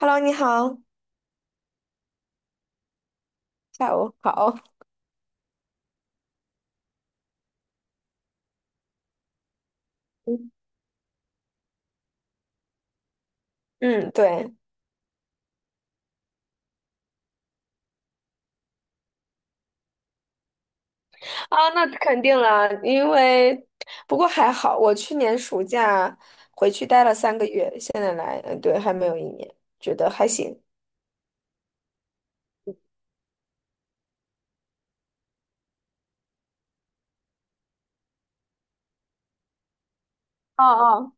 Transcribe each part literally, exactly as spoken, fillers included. Hello，你好，下午好。嗯，嗯对啊，那肯定了，因为不过还好，我去年暑假回去待了三个月，现在来，嗯，对，还没有一年，觉得还行。哦哦，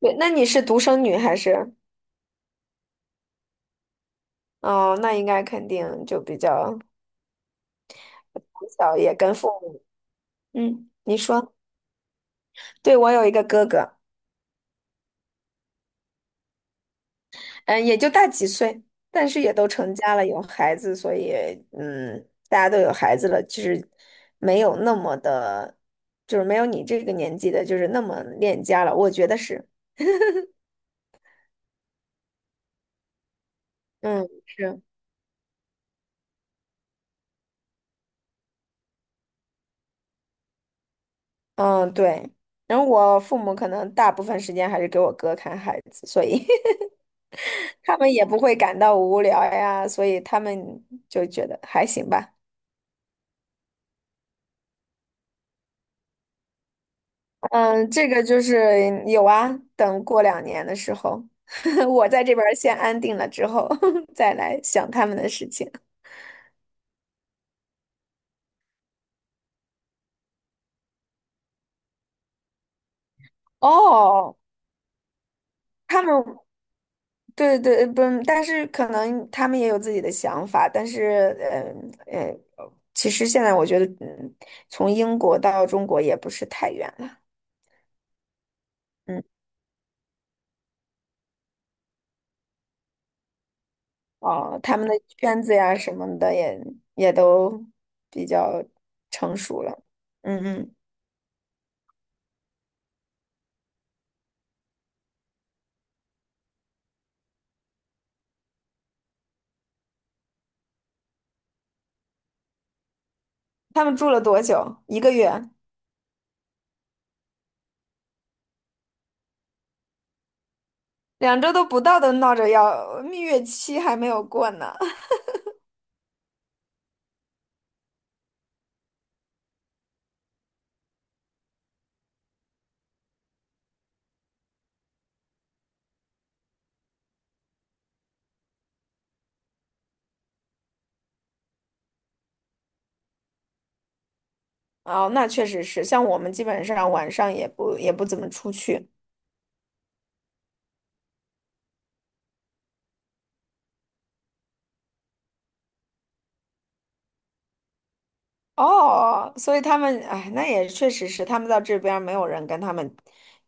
对，那你是独生女还是？哦，那应该肯定就比较从小也跟父母。嗯，你说，对，我有一个哥哥。嗯，也就大几岁，但是也都成家了，有孩子，所以嗯，大家都有孩子了，就是没有那么的，就是没有你这个年纪的，就是那么恋家了。我觉得是，嗯，是，嗯，对。然后我父母可能大部分时间还是给我哥看孩子，所以 他们也不会感到无聊呀，所以他们就觉得还行吧。嗯，这个就是有啊，等过两年的时候，我在这边儿先安定了之后，再来想他们的事情。哦，他们对对不，但是可能他们也有自己的想法，但是呃呃，其实现在我觉得，嗯，从英国到中国也不是太远了。嗯，哦，他们的圈子呀什么的也也都比较成熟了。嗯嗯，他们住了多久？一个月。两周都不到，都闹着要蜜月期还没有过呢。哦，那确实是，像我们基本上晚上也不也不怎么出去。哦，所以他们，哎，那也确实是，他们到这边儿没有人跟他们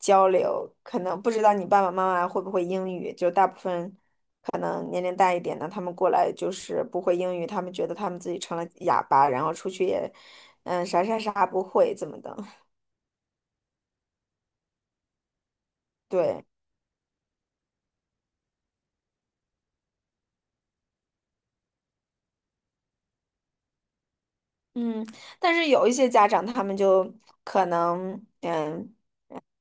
交流，可能不知道你爸爸妈妈会不会英语，就大部分可能年龄大一点的，他们过来就是不会英语，他们觉得他们自己成了哑巴，然后出去也，嗯，啥啥啥不会，怎么的，对。嗯，但是有一些家长他们就可能，嗯，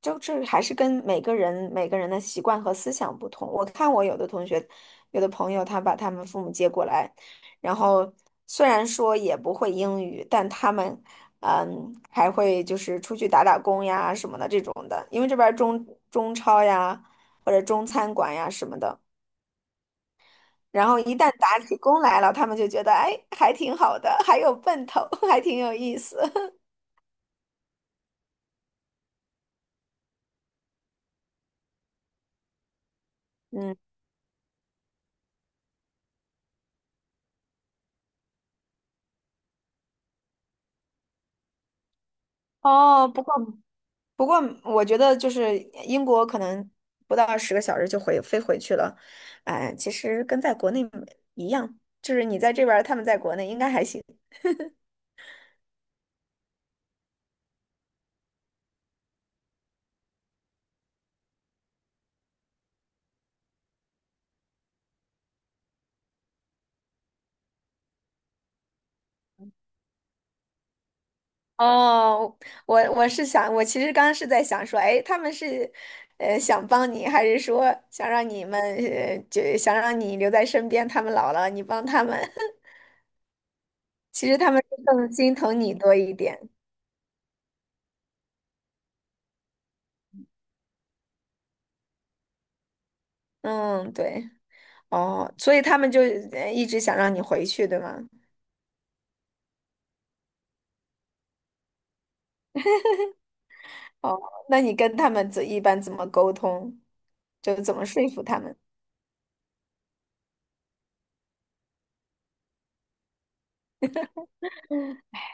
就这还是跟每个人每个人的习惯和思想不同。我看我有的同学，有的朋友，他把他们父母接过来，然后虽然说也不会英语，但他们，嗯，还会就是出去打打工呀什么的这种的，因为这边儿中中超呀或者中餐馆呀什么的。然后一旦打起工来了，他们就觉得，哎，还挺好的，还有奔头，还挺有意思。嗯。哦，不过不过，我觉得就是英国可能不到十个小时就回飞回去了，哎，其实跟在国内一样，就是你在这边儿他们在国内应该还行 哦，我我是想，我其实刚刚是在想说，哎，他们是呃想帮你，还是说想让你们呃就想让你留在身边，他们老了你帮他们，其实他们是更心疼你多一点。嗯，对，哦，所以他们就呃一直想让你回去，对吗？哦，那你跟他们怎一般怎么沟通？就怎么说服他们？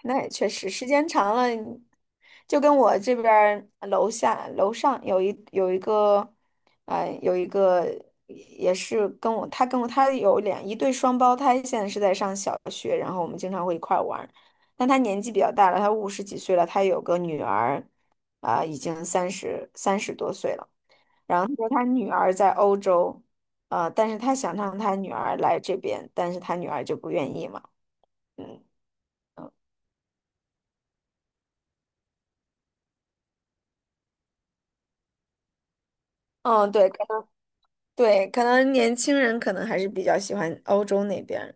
那也确实，时间长了，就跟我这边儿楼下楼上有一有一个，呃，有一个也是跟我，他跟我他有两一对双胞胎，现在是在上小学，然后我们经常会一块儿玩儿。但他年纪比较大了，他五十几岁了，他有个女儿，啊、已经三十三十多岁了。然后他说他女儿在欧洲，呃，但是他想让他女儿来这边，但是他女儿就不愿意嘛。嗯嗯，嗯对，可能对，可能年轻人可能还是比较喜欢欧洲那边儿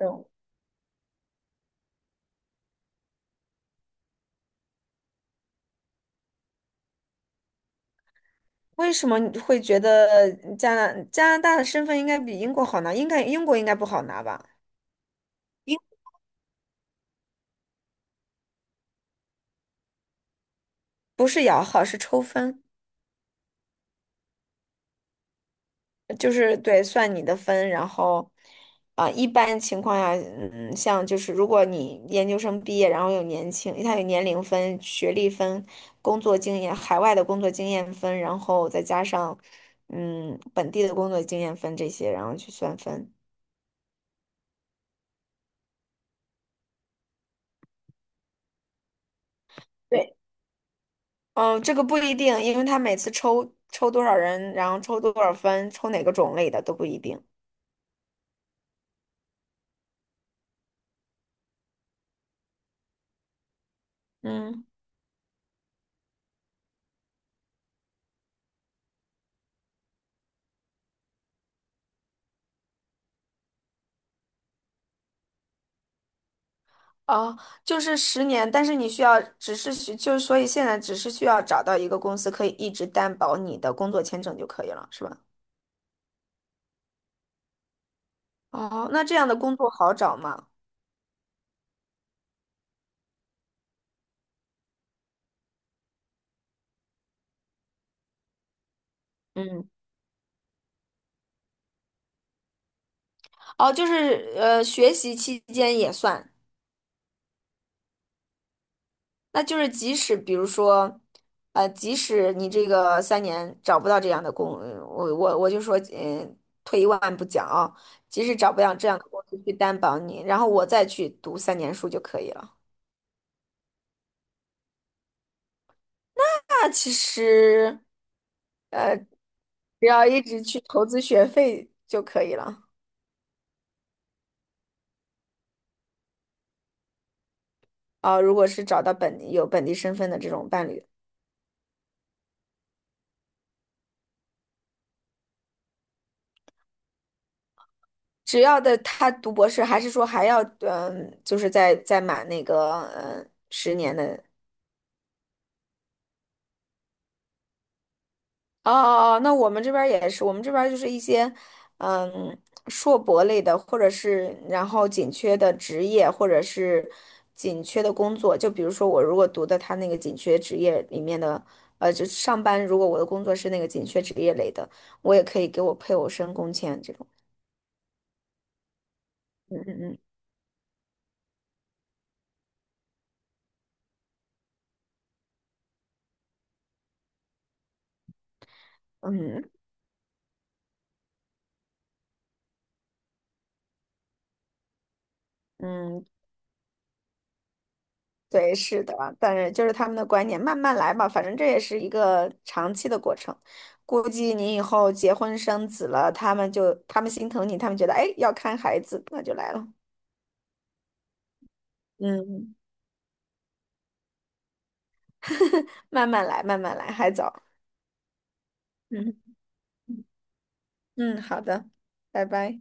嗯，为什么你会觉得加拿加拿大的身份应该比英国好拿？应该英国应该不好拿吧？英不是摇号，是抽分。就是对，算你的分，然后，啊、一般情况下，嗯，像就是如果你研究生毕业，然后有年轻，他有年龄分、学历分、工作经验、海外的工作经验分，然后再加上，嗯，本地的工作经验分这些，然后去算分。对，嗯，这个不一定，因为他每次抽抽多少人，然后抽多少分，抽哪个种类的都不一定。嗯。哦，就是十年，但是你需要，只是需，就是所以现在只是需要找到一个公司可以一直担保你的工作签证就可以了，是吧？哦，那这样的工作好找吗？嗯，哦，就是呃，学习期间也算，那就是即使比如说，呃，即使你这个三年找不到这样的工，呃我我我就说，嗯、退一万步讲啊、即使找不到这样的公司去担保你，然后我再去读三年书就可以了。那其实。呃。只要一直去投资学费就可以了啊。如果是找到本地有本地身份的这种伴侣，只要的他读博士，还是说还要嗯，就是再再满那个嗯十年的。哦哦哦，那我们这边儿也是，我们这边儿就是一些，嗯，硕博类的，或者是然后紧缺的职业，或者是紧缺的工作。就比如说我如果读的他那个紧缺职业里面的，呃，就是上班，如果我的工作是那个紧缺职业类的，我也可以给我配偶申工签这种。嗯嗯嗯嗯嗯对，是的，但是就是他们的观念，慢慢来吧，反正这也是一个长期的过程。估计你以后结婚生子了，他们就他们心疼你，他们觉得哎要看孩子，那就来了。嗯，慢慢来，慢慢来，还早。嗯嗯，好的，拜拜。